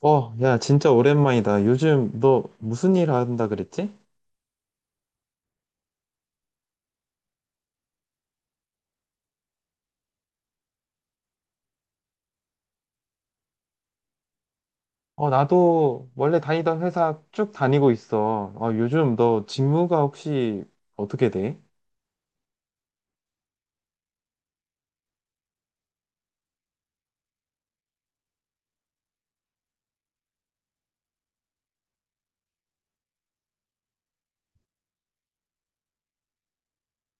어, 야, 진짜 오랜만이다. 요즘 너 무슨 일 한다 그랬지? 어, 나도 원래 다니던 회사 쭉 다니고 있어. 어, 요즘 너 직무가 혹시 어떻게 돼?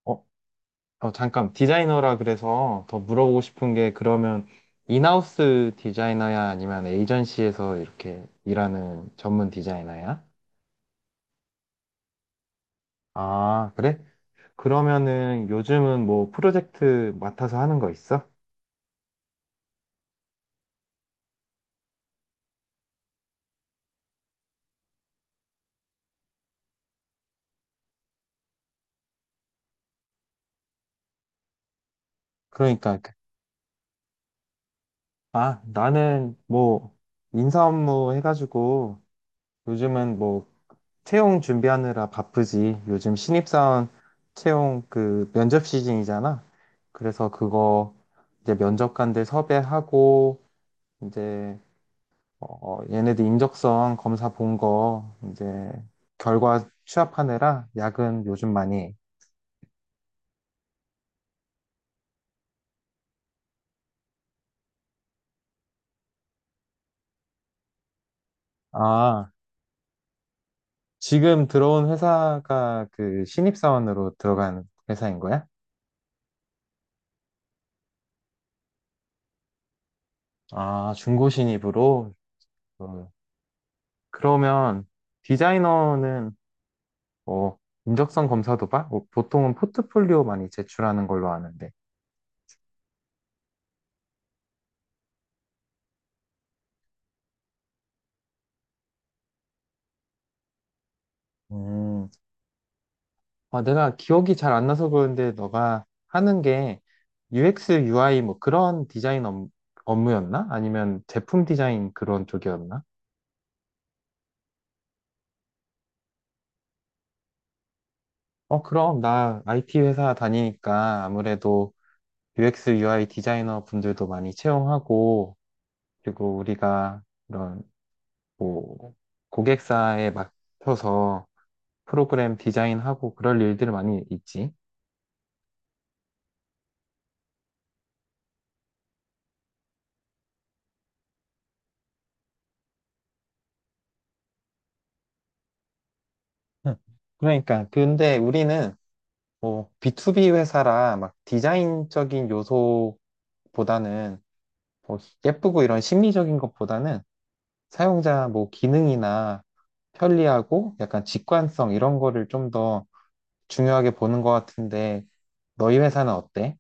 어, 어, 잠깐, 디자이너라 그래서 더 물어보고 싶은 게, 그러면 인하우스 디자이너야 아니면 에이전시에서 이렇게 일하는 전문 디자이너야? 아, 그래? 그러면은 요즘은 뭐 프로젝트 맡아서 하는 거 있어? 그러니까 아, 나는 뭐 인사 업무 해가지고 요즘은 뭐 채용 준비하느라 바쁘지. 요즘 신입사원 채용 그 면접 시즌이잖아. 그래서 그거 이제 면접관들 섭외하고 이제 어, 얘네들 인적성 검사 본 거 이제 결과 취합하느라 야근 요즘 많이 해. 아, 지금 들어온 회사가 그 신입사원으로 들어간 회사인 거야? 아, 중고 신입으로? 어, 그러면 디자이너는 뭐 인적성 검사도 봐? 뭐 보통은 포트폴리오 많이 제출하는 걸로 아는데. 음. 아, 내가 기억이 잘 안 나서 그런데 너가 하는 게 UX, UI 뭐 그런 디자인 업무였나? 아니면 제품 디자인 그런 쪽이었나? 어, 그럼 나 IT 회사 다니니까 아무래도 UX, UI 디자이너 분들도 많이 채용하고 그리고 우리가 이런 뭐 고객사에 맡춰서 프로그램 디자인하고 그럴 일들 많이 있지. 응. 그러니까 근데 우리는 뭐 B2B 회사라 막 디자인적인 요소보다는 뭐 예쁘고 이런 심리적인 것보다는 사용자 뭐 기능이나 편리하고 약간 직관성 이런 거를 좀 더 중요하게 보는 것 같은데 너희 회사는 어때?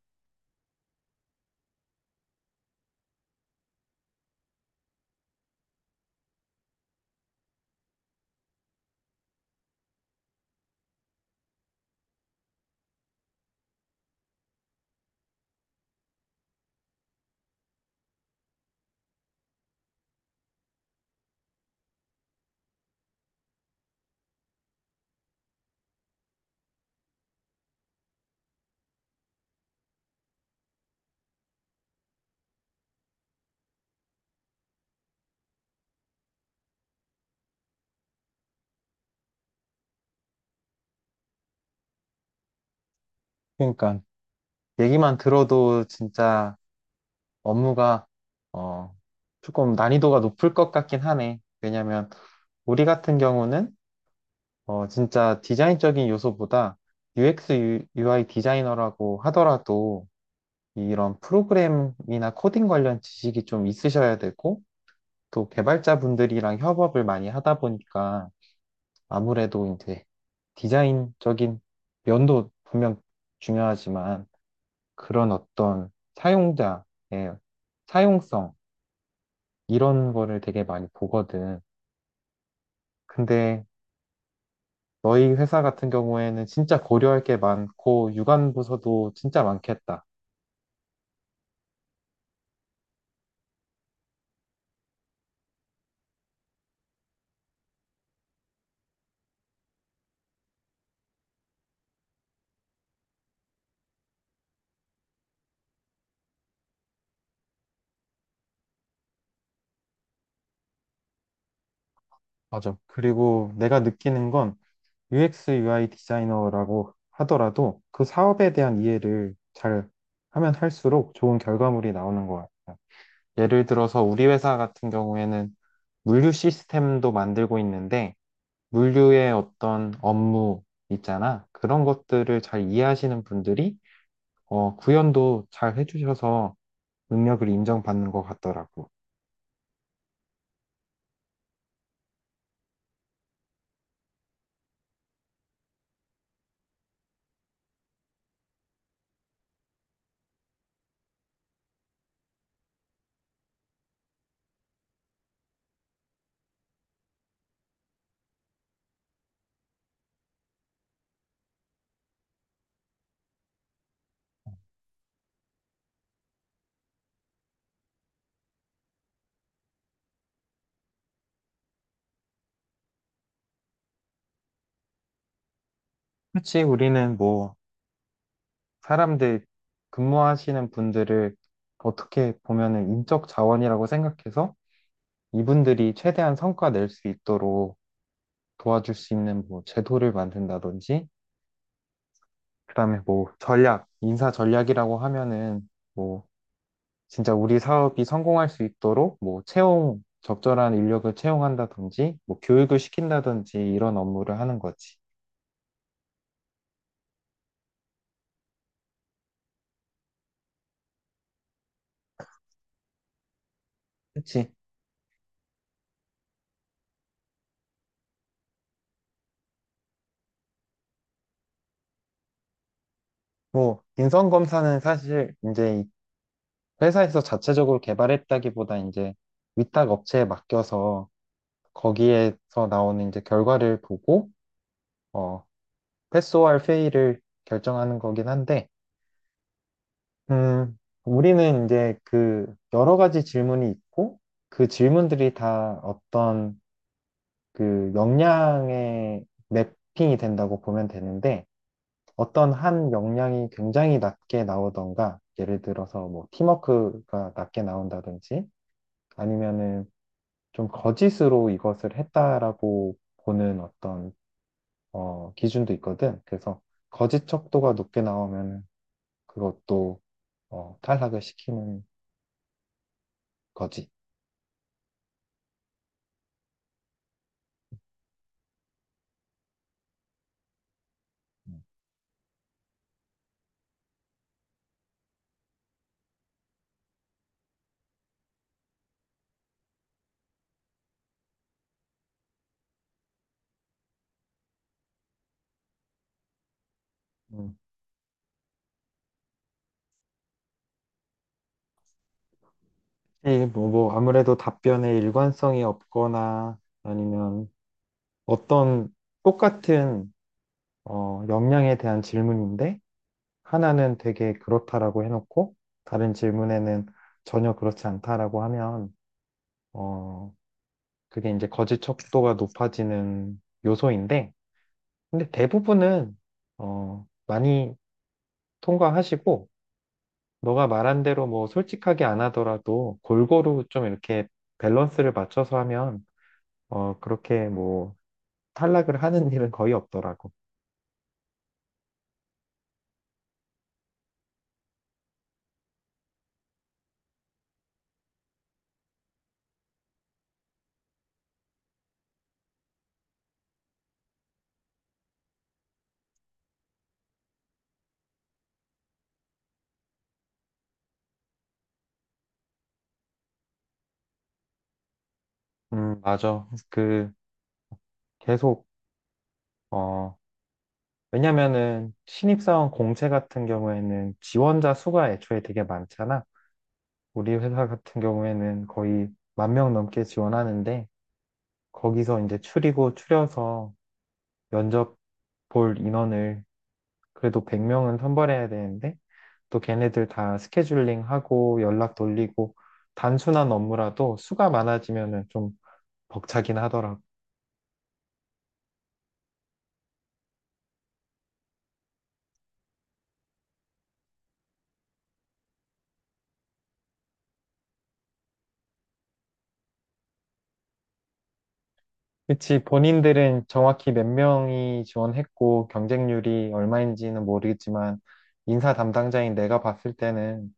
그러니까 얘기만 들어도 진짜 업무가 어 조금 난이도가 높을 것 같긴 하네. 왜냐면 우리 같은 경우는 어, 진짜 디자인적인 요소보다 UX, UI 디자이너라고 하더라도 이런 프로그램이나 코딩 관련 지식이 좀 있으셔야 되고 또 개발자분들이랑 협업을 많이 하다 보니까 아무래도 이제 디자인적인 면도 분명 중요하지만 그런 어떤 사용자의 사용성 이런 거를 되게 많이 보거든. 근데 너희 회사 같은 경우에는 진짜 고려할 게 많고 유관 부서도 진짜 많겠다. 맞아. 그리고 내가 느끼는 건 UX, UI 디자이너라고 하더라도 그 사업에 대한 이해를 잘 하면 할수록 좋은 결과물이 나오는 것 같아. 예를 들어서 우리 회사 같은 경우에는 물류 시스템도 만들고 있는데 물류의 어떤 업무 있잖아. 그런 것들을 잘 이해하시는 분들이 어, 구현도 잘 해주셔서 능력을 인정받는 것 같더라고. 그렇지, 우리는 뭐, 사람들, 근무하시는 분들을 어떻게 보면은 인적 자원이라고 생각해서 이분들이 최대한 성과 낼 수 있도록 도와줄 수 있는 뭐, 제도를 만든다든지, 그다음에 뭐, 전략, 인사 전략이라고 하면은 뭐, 진짜 우리 사업이 성공할 수 있도록 뭐, 채용, 적절한 인력을 채용한다든지, 뭐, 교육을 시킨다든지, 이런 업무를 하는 거지. 그치. 뭐, 인성검사는 사실 이제 회사에서 자체적으로 개발했다기보다 이제 위탁 업체에 맡겨서 거기에서 나오는 이제 결과를 보고 어, 패스오알 페이를 결정하는 거긴 한데 음, 우리는 이제 그 여러 가지 질문이 있고 그 질문들이 다 어떤 그 역량에 매핑이 된다고 보면 되는데 어떤 한 역량이 굉장히 낮게 나오던가 예를 들어서 뭐 팀워크가 낮게 나온다든지 아니면은 좀 거짓으로 이것을 했다라고 보는 어떤 어, 기준도 있거든. 그래서 거짓 척도가 높게 나오면 그것도 어, 탈락을 시키는 거지. 음. 음, 이 뭐, 아무래도 답변에 일관성이 없거나 아니면 어떤 똑같은 어, 역량에 대한 질문인데 하나는 되게 그렇다라고 해놓고 다른 질문에는 전혀 그렇지 않다라고 하면 어, 그게 이제 거짓 척도가 높아지는 요소인데, 근데 대부분은, 어, 많이 통과하시고, 너가 말한 대로 뭐 솔직하게 안 하더라도 골고루 좀 이렇게 밸런스를 맞춰서 하면, 어, 그렇게 뭐 탈락을 하는 일은 거의 없더라고. 맞아. 그, 계속, 어, 왜냐면은 신입사원 공채 같은 경우에는 지원자 수가 애초에 되게 많잖아. 우리 회사 같은 경우에는 거의 1만 명 넘게 지원하는데, 거기서 이제 추리고 추려서 면접 볼 인원을 그래도 100명은 선발해야 되는데 또 걔네들 다 스케줄링하고 연락 돌리고 단순한 업무라도 수가 많아지면은 좀 벅차긴 하더라고. 그치, 본인들은 정확히 몇 명이 지원했고 경쟁률이 얼마인지는 모르겠지만 인사 담당자인 내가 봤을 때는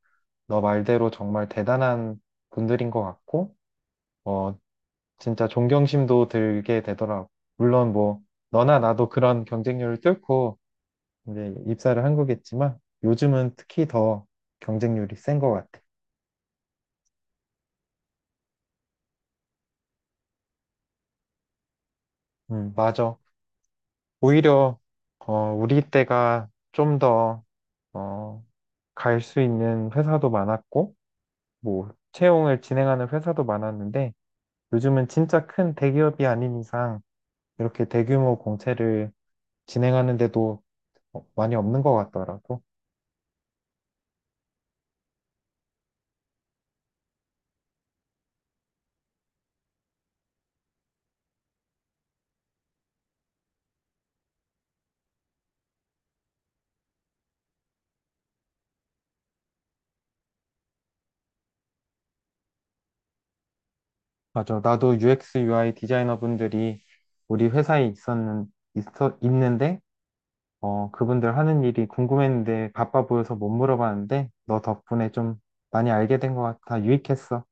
너 말대로 정말 대단한 분들인 것 같고 어, 진짜 존경심도 들게 되더라고. 물론 뭐 너나 나도 그런 경쟁률을 뚫고 이제 입사를 한 거겠지만 요즘은 특히 더 경쟁률이 센 것 같아. 맞아. 오히려 어, 우리 때가 좀 더 어, 갈 수 있는 회사도 많았고 뭐 채용을 진행하는 회사도 많았는데 요즘은 진짜 큰 대기업이 아닌 이상 이렇게 대규모 공채를 진행하는데도 많이 없는 것 같더라고. 맞아. 나도 UX, UI 디자이너분들이 우리 회사에 있는데, 어, 그분들 하는 일이 궁금했는데 바빠 보여서 못 물어봤는데, 너 덕분에 좀 많이 알게 된 것 같아. 유익했어.